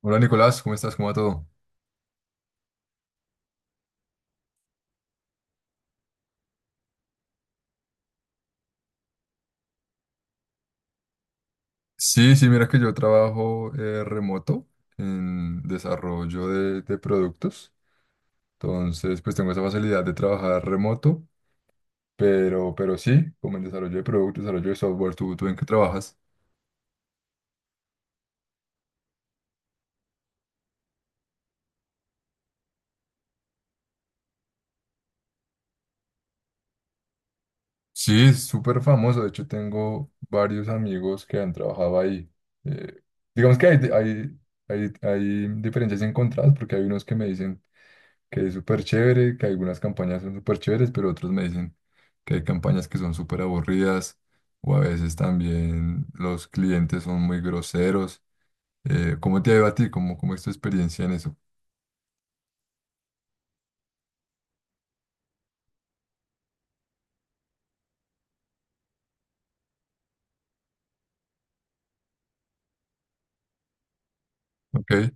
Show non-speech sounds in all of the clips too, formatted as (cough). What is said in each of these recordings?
Hola Nicolás, ¿cómo estás? ¿Cómo va todo? Sí, sí, mira que yo trabajo remoto en desarrollo de productos. Entonces, pues tengo esa facilidad de trabajar remoto, pero sí, como en desarrollo de productos, desarrollo de software, ¿tú en qué trabajas? Sí, es súper famoso. De hecho, tengo varios amigos que han trabajado ahí. Eh, digamos que hay diferencias encontradas, porque hay unos que me dicen que es súper chévere, que algunas campañas son súper chéveres, pero otros me dicen que hay campañas que son súper aburridas, o a veces también los clientes son muy groseros. ¿Cómo te ha ido a ti? ¿Cómo es tu experiencia en eso? Ok,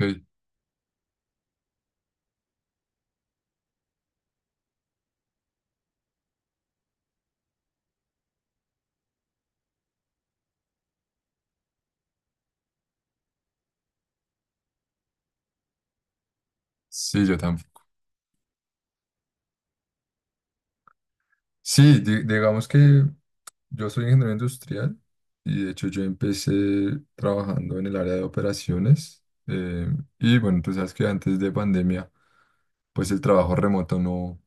ok. Sí, yo tampoco. Sí, digamos que yo soy ingeniero industrial, y de hecho yo empecé trabajando en el área de operaciones. Y bueno, tú sabes que antes de pandemia, pues el trabajo remoto no.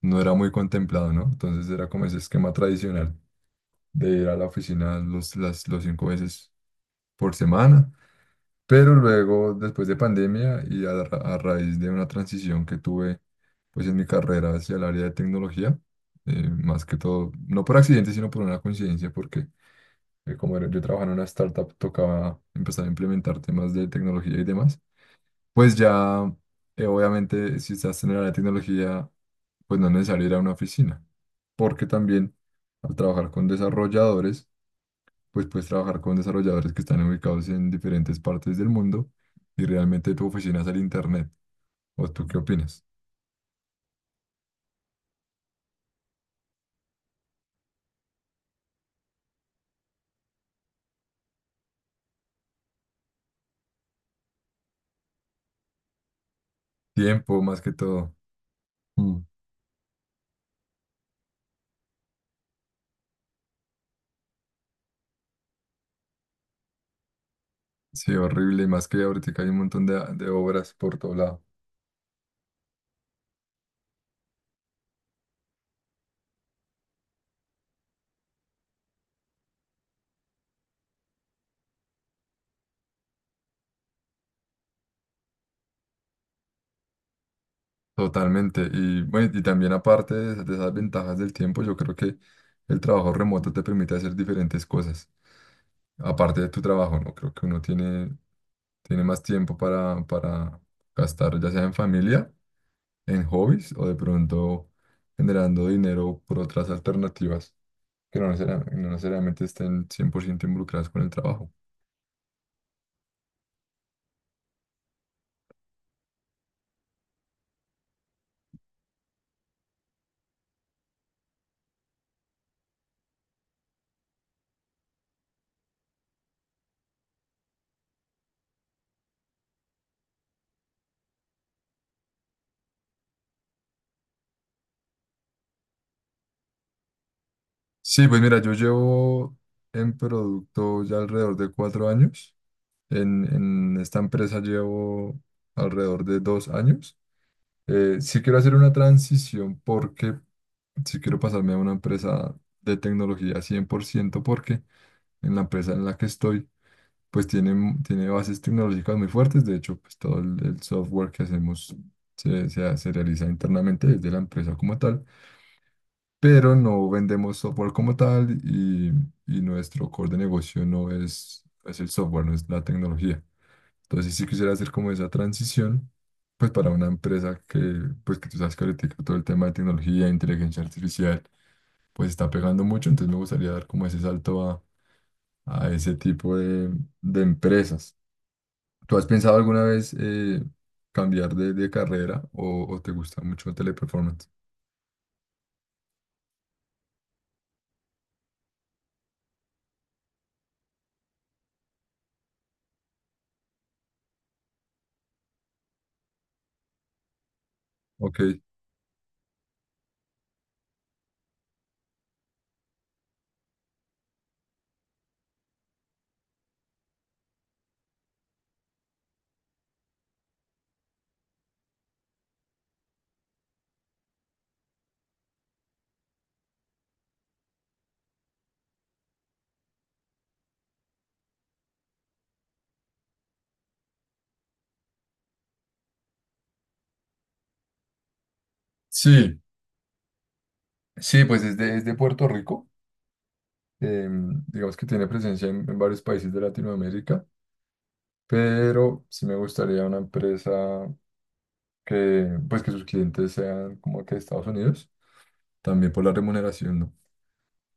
no era muy contemplado, ¿no? Entonces era como ese esquema tradicional de ir a la oficina los, las, los cinco veces por semana. Pero luego, después de pandemia y a raíz de una transición que tuve pues en mi carrera hacia el área de tecnología, más que todo, no por accidente, sino por una coincidencia, porque yo trabajaba en una startup, tocaba empezar a implementar temas de tecnología y demás. Pues ya, obviamente, si estás generando la tecnología, pues no es necesario ir a una oficina, porque también al trabajar con desarrolladores, pues puedes trabajar con desarrolladores que están ubicados en diferentes partes del mundo, y realmente tu oficina es el internet. ¿O tú qué opinas? Tiempo, más que todo. Mm. Sí, horrible, y más que ahorita hay un montón de obras por todo lado. Totalmente. Y bueno, y también aparte de esas ventajas del tiempo, yo creo que el trabajo remoto te permite hacer diferentes cosas, aparte de tu trabajo, ¿no? Creo que uno tiene más tiempo para gastar, ya sea en familia, en hobbies, o de pronto generando dinero por otras alternativas que no necesariamente estén 100% involucradas con el trabajo. Sí, pues mira, yo llevo en producto ya alrededor de 4 años. En esta empresa llevo alrededor de 2 años. Sí quiero hacer una transición, porque si quiero pasarme a una empresa de tecnología 100%, porque en la empresa en la que estoy, pues tiene bases tecnológicas muy fuertes. De hecho, pues todo el software que hacemos se realiza internamente desde la empresa como tal, pero no vendemos software como tal, y nuestro core de negocio no es el software, no es la tecnología. Entonces, si quisiera hacer como esa transición, pues para una empresa que, pues que tú sabes que ahorita todo el tema de tecnología, inteligencia artificial, pues está pegando mucho, entonces me gustaría dar como ese salto a ese tipo de empresas. ¿Tú has pensado alguna vez cambiar de carrera o te gusta mucho Teleperformance? Ok, sí, sí, pues es de Puerto Rico. Digamos que tiene presencia en varios países de Latinoamérica, pero sí me gustaría una empresa que, pues que sus clientes sean como que de Estados Unidos, también por la remuneración, ¿no?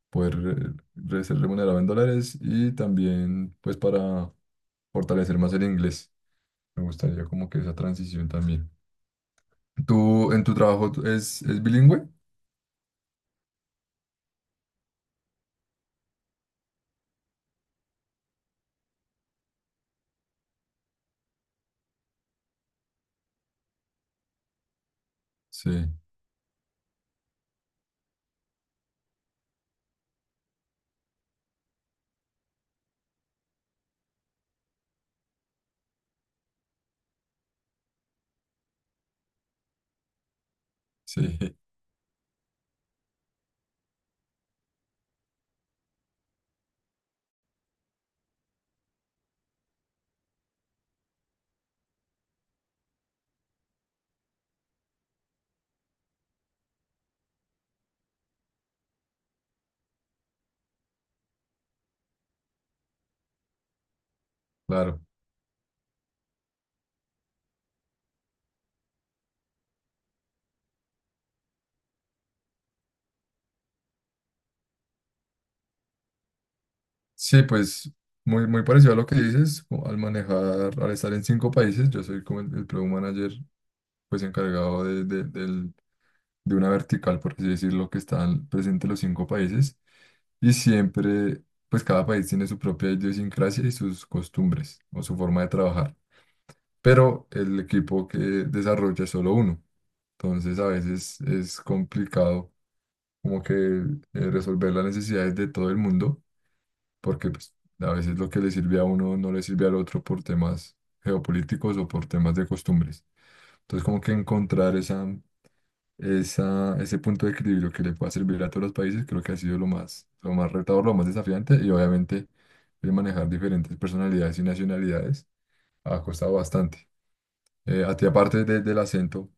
Poder ser remunerado en dólares, y también pues para fortalecer más el inglés. Me gustaría como que esa transición también. ¿Tú en tu trabajo es bilingüe? Sí, sí, (laughs) claro. Sí, pues muy, muy parecido a lo que dices, o al manejar, al estar en cinco países, yo soy como el Product Manager, pues encargado de una vertical, por así decirlo, que están presentes los cinco países. Y siempre, pues cada país tiene su propia idiosincrasia y sus costumbres, o su forma de trabajar. Pero el equipo que desarrolla es solo uno. Entonces a veces es complicado como que resolver las necesidades de todo el mundo, porque pues a veces lo que le sirve a uno no le sirve al otro, por temas geopolíticos o por temas de costumbres. Entonces como que encontrar ese punto de equilibrio que le pueda servir a todos los países, creo que ha sido lo más, retador, lo más desafiante, y obviamente el manejar diferentes personalidades y nacionalidades ha costado bastante. A ti, aparte del acento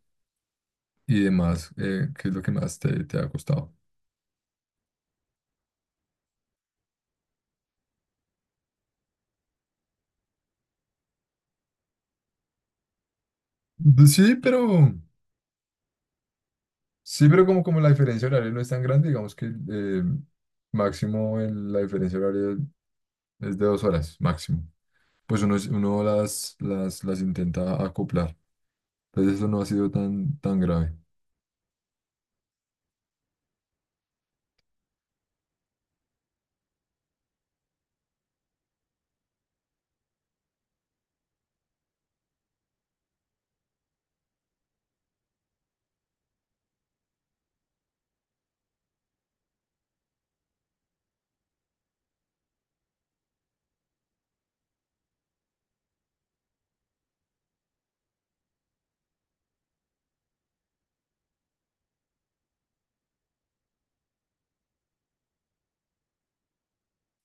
y demás, ¿qué es lo que más te ha costado? De- Sí, pero, sí, pero como la diferencia horaria no es tan grande, digamos que máximo la diferencia horaria es de 2 horas, máximo. Pues uno las intenta acoplar. Entonces eso no ha sido tan, tan grave.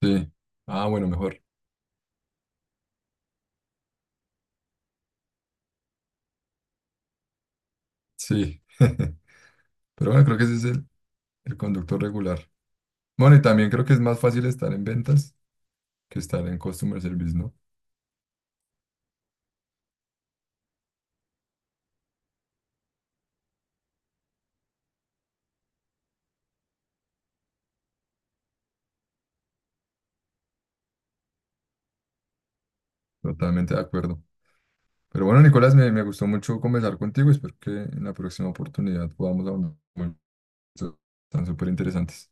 Sí. Ah, bueno, mejor. Sí. (laughs) Pero bueno, creo que ese es el conductor regular. Bueno, y también creo que es más fácil estar en ventas que estar en customer service, ¿no? Totalmente de acuerdo. Pero bueno, Nicolás, me gustó mucho conversar contigo. Espero que en la próxima oportunidad podamos hablar de temas tan súper interesantes.